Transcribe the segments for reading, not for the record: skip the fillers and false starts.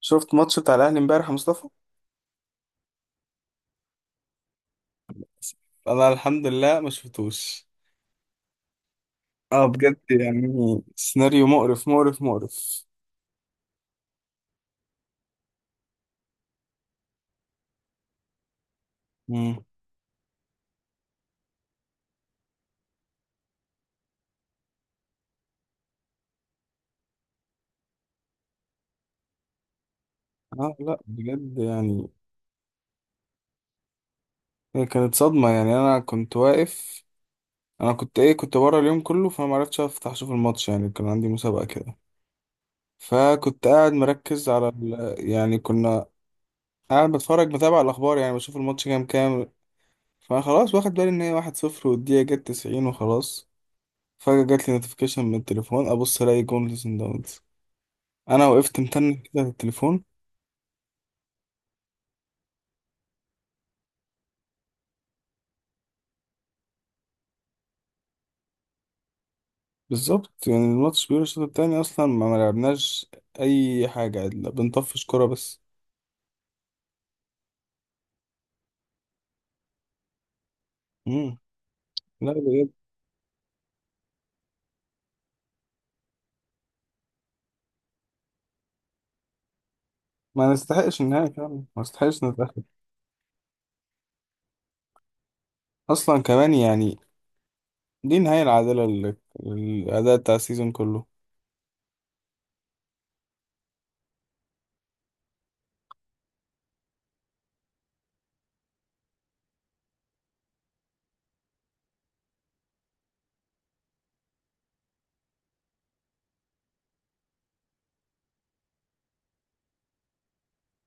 شفت ماتش بتاع الاهلي امبارح يا مصطفى؟ انا الحمد لله ما شفتوش. اه بجد، يعني سيناريو مقرف مقرف مقرف. مم. اه لا بجد يعني، هي كانت صدمة. يعني انا كنت واقف، انا كنت ايه، كنت بره اليوم كله فما عرفتش افتح اشوف الماتش. يعني كان عندي مسابقة كده، فكنت قاعد مركز على يعني كنا قاعد بتفرج بتابع الاخبار، يعني بشوف الماتش كام كام. فانا خلاص واخد بالي ان هي 1-0 والدقيقة جت 90 وخلاص. فجأة جات لي نوتيفيكيشن من التليفون، ابص الاقي جون سان داونز. انا وقفت متنك كده على التليفون. بالظبط، يعني الماتش بيقول الشوط التاني اصلا ما لعبناش اي حاجة، لا بنطفش كرة بس. امم لا بجد. ما نستحقش النهاية، كمان ما نستحقش نتأخر. اصلا كمان يعني دي النهاية العادلة للأداء بتاع السيزون كله.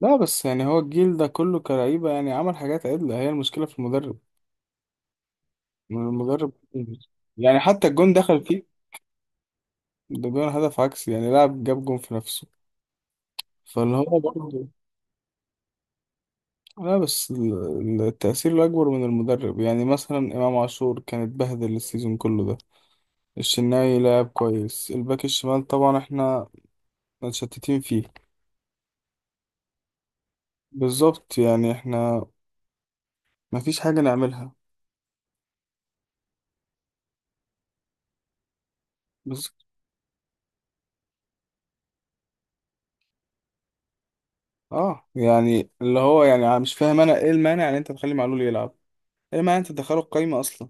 لا بس يعني هو الجيل ده كله كلعيبة يعني عمل حاجات عدلة، هي المشكلة في المدرب. المدرب، يعني حتى الجون دخل فيه ده جون هدف عكسي، يعني لاعب جاب جون في نفسه، فاللي هو برضه لا بس التأثير الأكبر من المدرب. يعني مثلا إمام عاشور كان اتبهدل السيزون كله ده. الشناوي لعب كويس، الباك الشمال طبعا احنا متشتتين فيه. بالظبط، يعني احنا مفيش حاجة نعملها. بالظبط. اه يعني اللي هو، يعني مش فاهم انا ايه المانع ان انت تخلي معلول يلعب؟ ايه المانع إن انت تدخله القايمة اصلا؟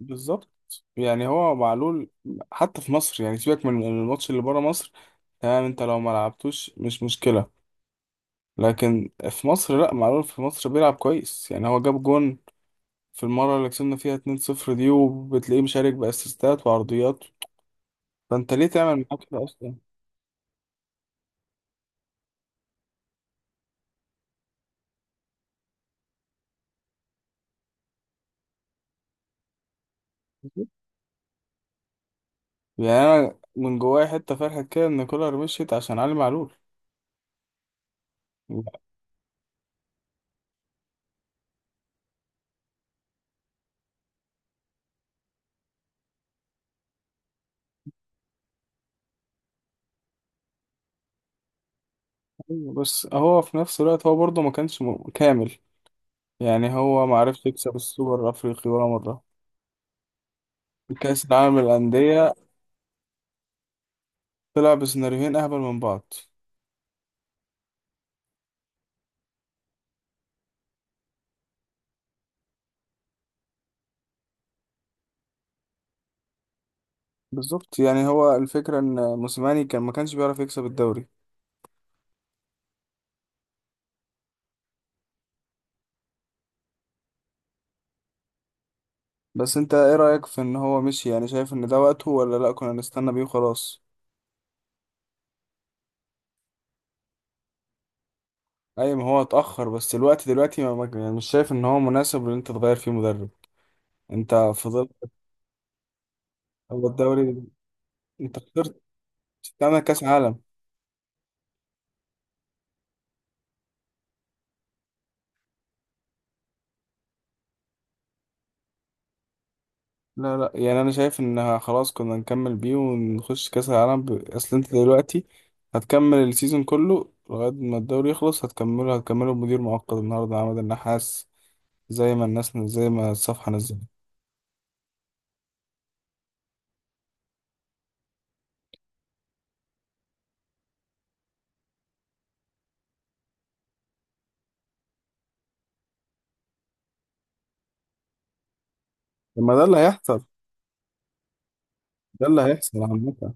بالظبط. يعني هو معلول حتى في مصر، يعني سيبك من الماتش اللي بره مصر، تمام، انت لو ما لعبتوش مش مشكلة. لكن في مصر لا، معلول في مصر بيلعب كويس، يعني هو جاب جون في المرة اللي كسبنا فيها 2-0 دي، وبتلاقيه مشارك بأسيستات وعرضيات. فأنت ليه تعمل معاه كده أصلا؟ يعني أنا من جوايا حتة فرحة كده إن كولر مشيت عشان علي معلول. بس هو في نفس الوقت هو برضه ما كانش كامل. يعني هو ما عرفش يكسب السوبر الأفريقي ولا مرة، كأس العالم للأندية طلع بسيناريوهين أهبل من بعض. بالظبط، يعني هو الفكرة إن موسيماني كان ما كانش بيعرف يكسب الدوري. بس انت ايه رأيك في ان هو مشي؟ يعني شايف ان ده وقته، ولا لا كنا نستنى بيه وخلاص؟ اي، ما هو اتأخر، بس الوقت دلوقتي يعني مش شايف ان هو مناسب ان انت تغير فيه مدرب. انت فضلت. هو الدوري، انت خسرت، تعمل كاس عالم؟ لا لا، يعني انا شايف ان خلاص كنا نكمل بيه ونخش كاس العالم اصل انت دلوقتي هتكمل السيزون كله لغاية ما الدوري يخلص، هتكمله بمدير مؤقت النهارده عماد النحاس، زي ما الناس زي ما الصفحة نزلت. طب ما ده اللي هيحصل. ده اللي هيحصل عامة.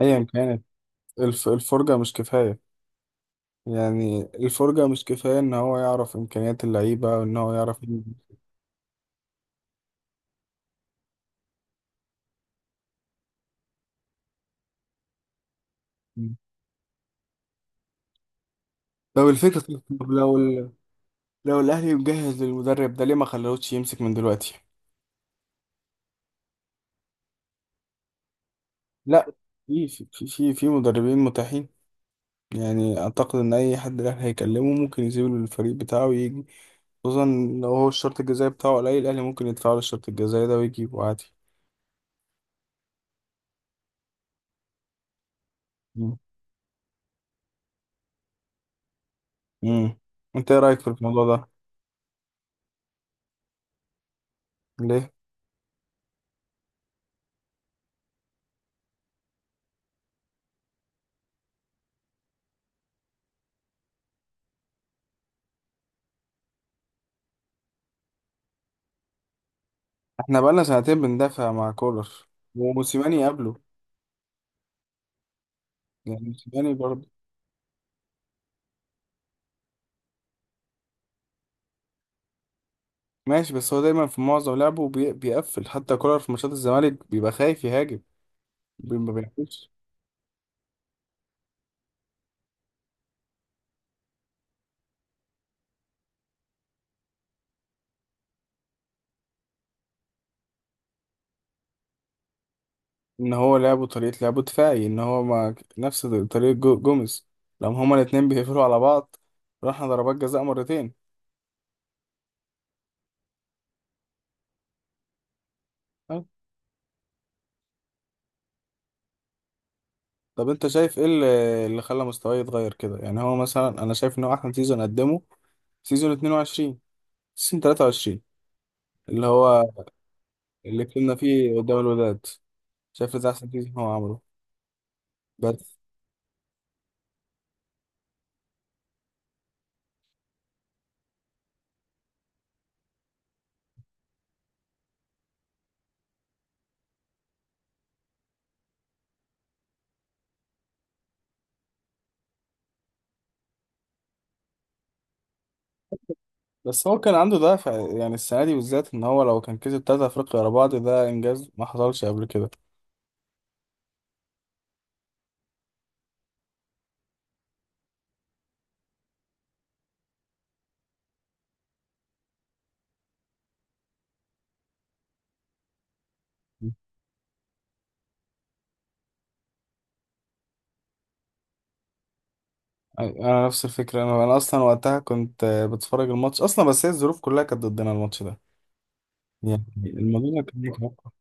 ايا كانت الفرجة مش كفاية. يعني الفرجة مش كفاية ان هو يعرف امكانيات اللعيبة وان هو يعرف. لو الفكرة، طب لو الاهلي مجهز للمدرب ده ليه ما خلوش يمسك من دلوقتي؟ لا، في مدربين متاحين. يعني اعتقد ان اي حد الاهلي هيكلمه ممكن يسيب له الفريق بتاعه ويجي، خصوصا لو هو الشرط الجزائي بتاعه قليل الاهلي ممكن يدفع له الشرط الجزائي ده ويجيبه عادي. مم. مم. انت ايه رايك في الموضوع ده؟ ليه؟ احنا بقالنا سنتين بندافع مع كولر وموسيماني قبله. يعني موسيماني برضه ماشي، بس هو دايما في معظم لعبه بيقفل. حتى كولر في ماتشات الزمالك بيبقى خايف يهاجم، ما بيعرفش ان هو لعبه طريقة لعبه دفاعي، ان هو ما نفس طريقة جوميز. لما هما الاتنين بيقفلوا على بعض راحنا ضربات جزاء مرتين. أه. طب انت شايف ايه اللي خلى مستواه يتغير كده؟ يعني هو مثلا انا شايف ان هو احسن سيزون قدمه سيزون 22 سيزون 23، اللي هو اللي كنا فيه قدام الوداد. شايف ده احسن سيزون هو عمله. بس بس هو كان عنده دافع، يعني السنه دي بالذات ان هو لو كان كسب 3 افريقيا ورا بعض ده انجاز ما حصلش قبل كده. انا نفس الفكره. انا اصلا وقتها كنت بتفرج الماتش اصلا، بس هي الظروف كلها كانت ضدنا الماتش ده. يعني الموضوع ده كان ليك حق.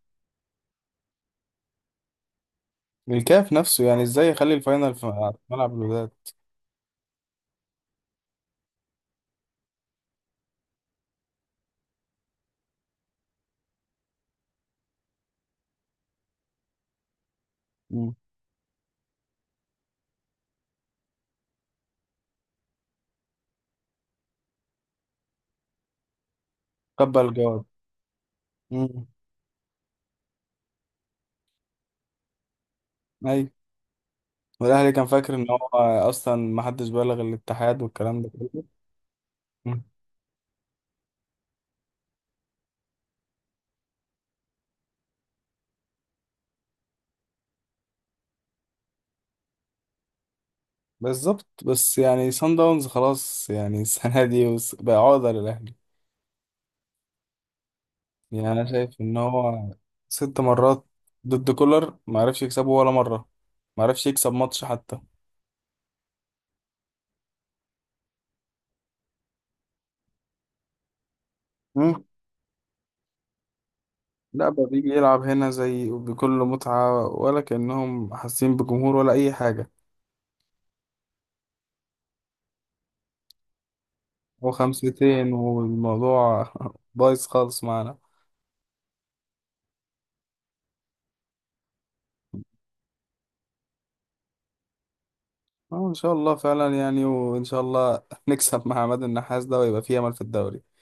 الكاف نفسه يعني ازاي يخلي الفاينل في ملعب الوداد؟ مم. قبل الجواب. مم. ايوه. والاهلي كان فاكر ان هو اصلا ما حدش بلغ الاتحاد والكلام ده كله. بالظبط. بس يعني سان داونز خلاص يعني السنة دي بقى عقدة للأهلي. يعني أنا شايف إن هو 6 مرات ضد كولر ما عرفش يكسبه ولا مرة، ما عرفش يكسب ماتش حتى. مم. لا بقى بيجي يلعب هنا زي بكل متعة ولا كأنهم حاسين بجمهور ولا أي حاجة. هو خمستين والموضوع بايظ خالص معانا. اه ان شاء الله فعلا، يعني وان شاء الله نكسب مع عماد النحاس ده ويبقى في امل في الدوري.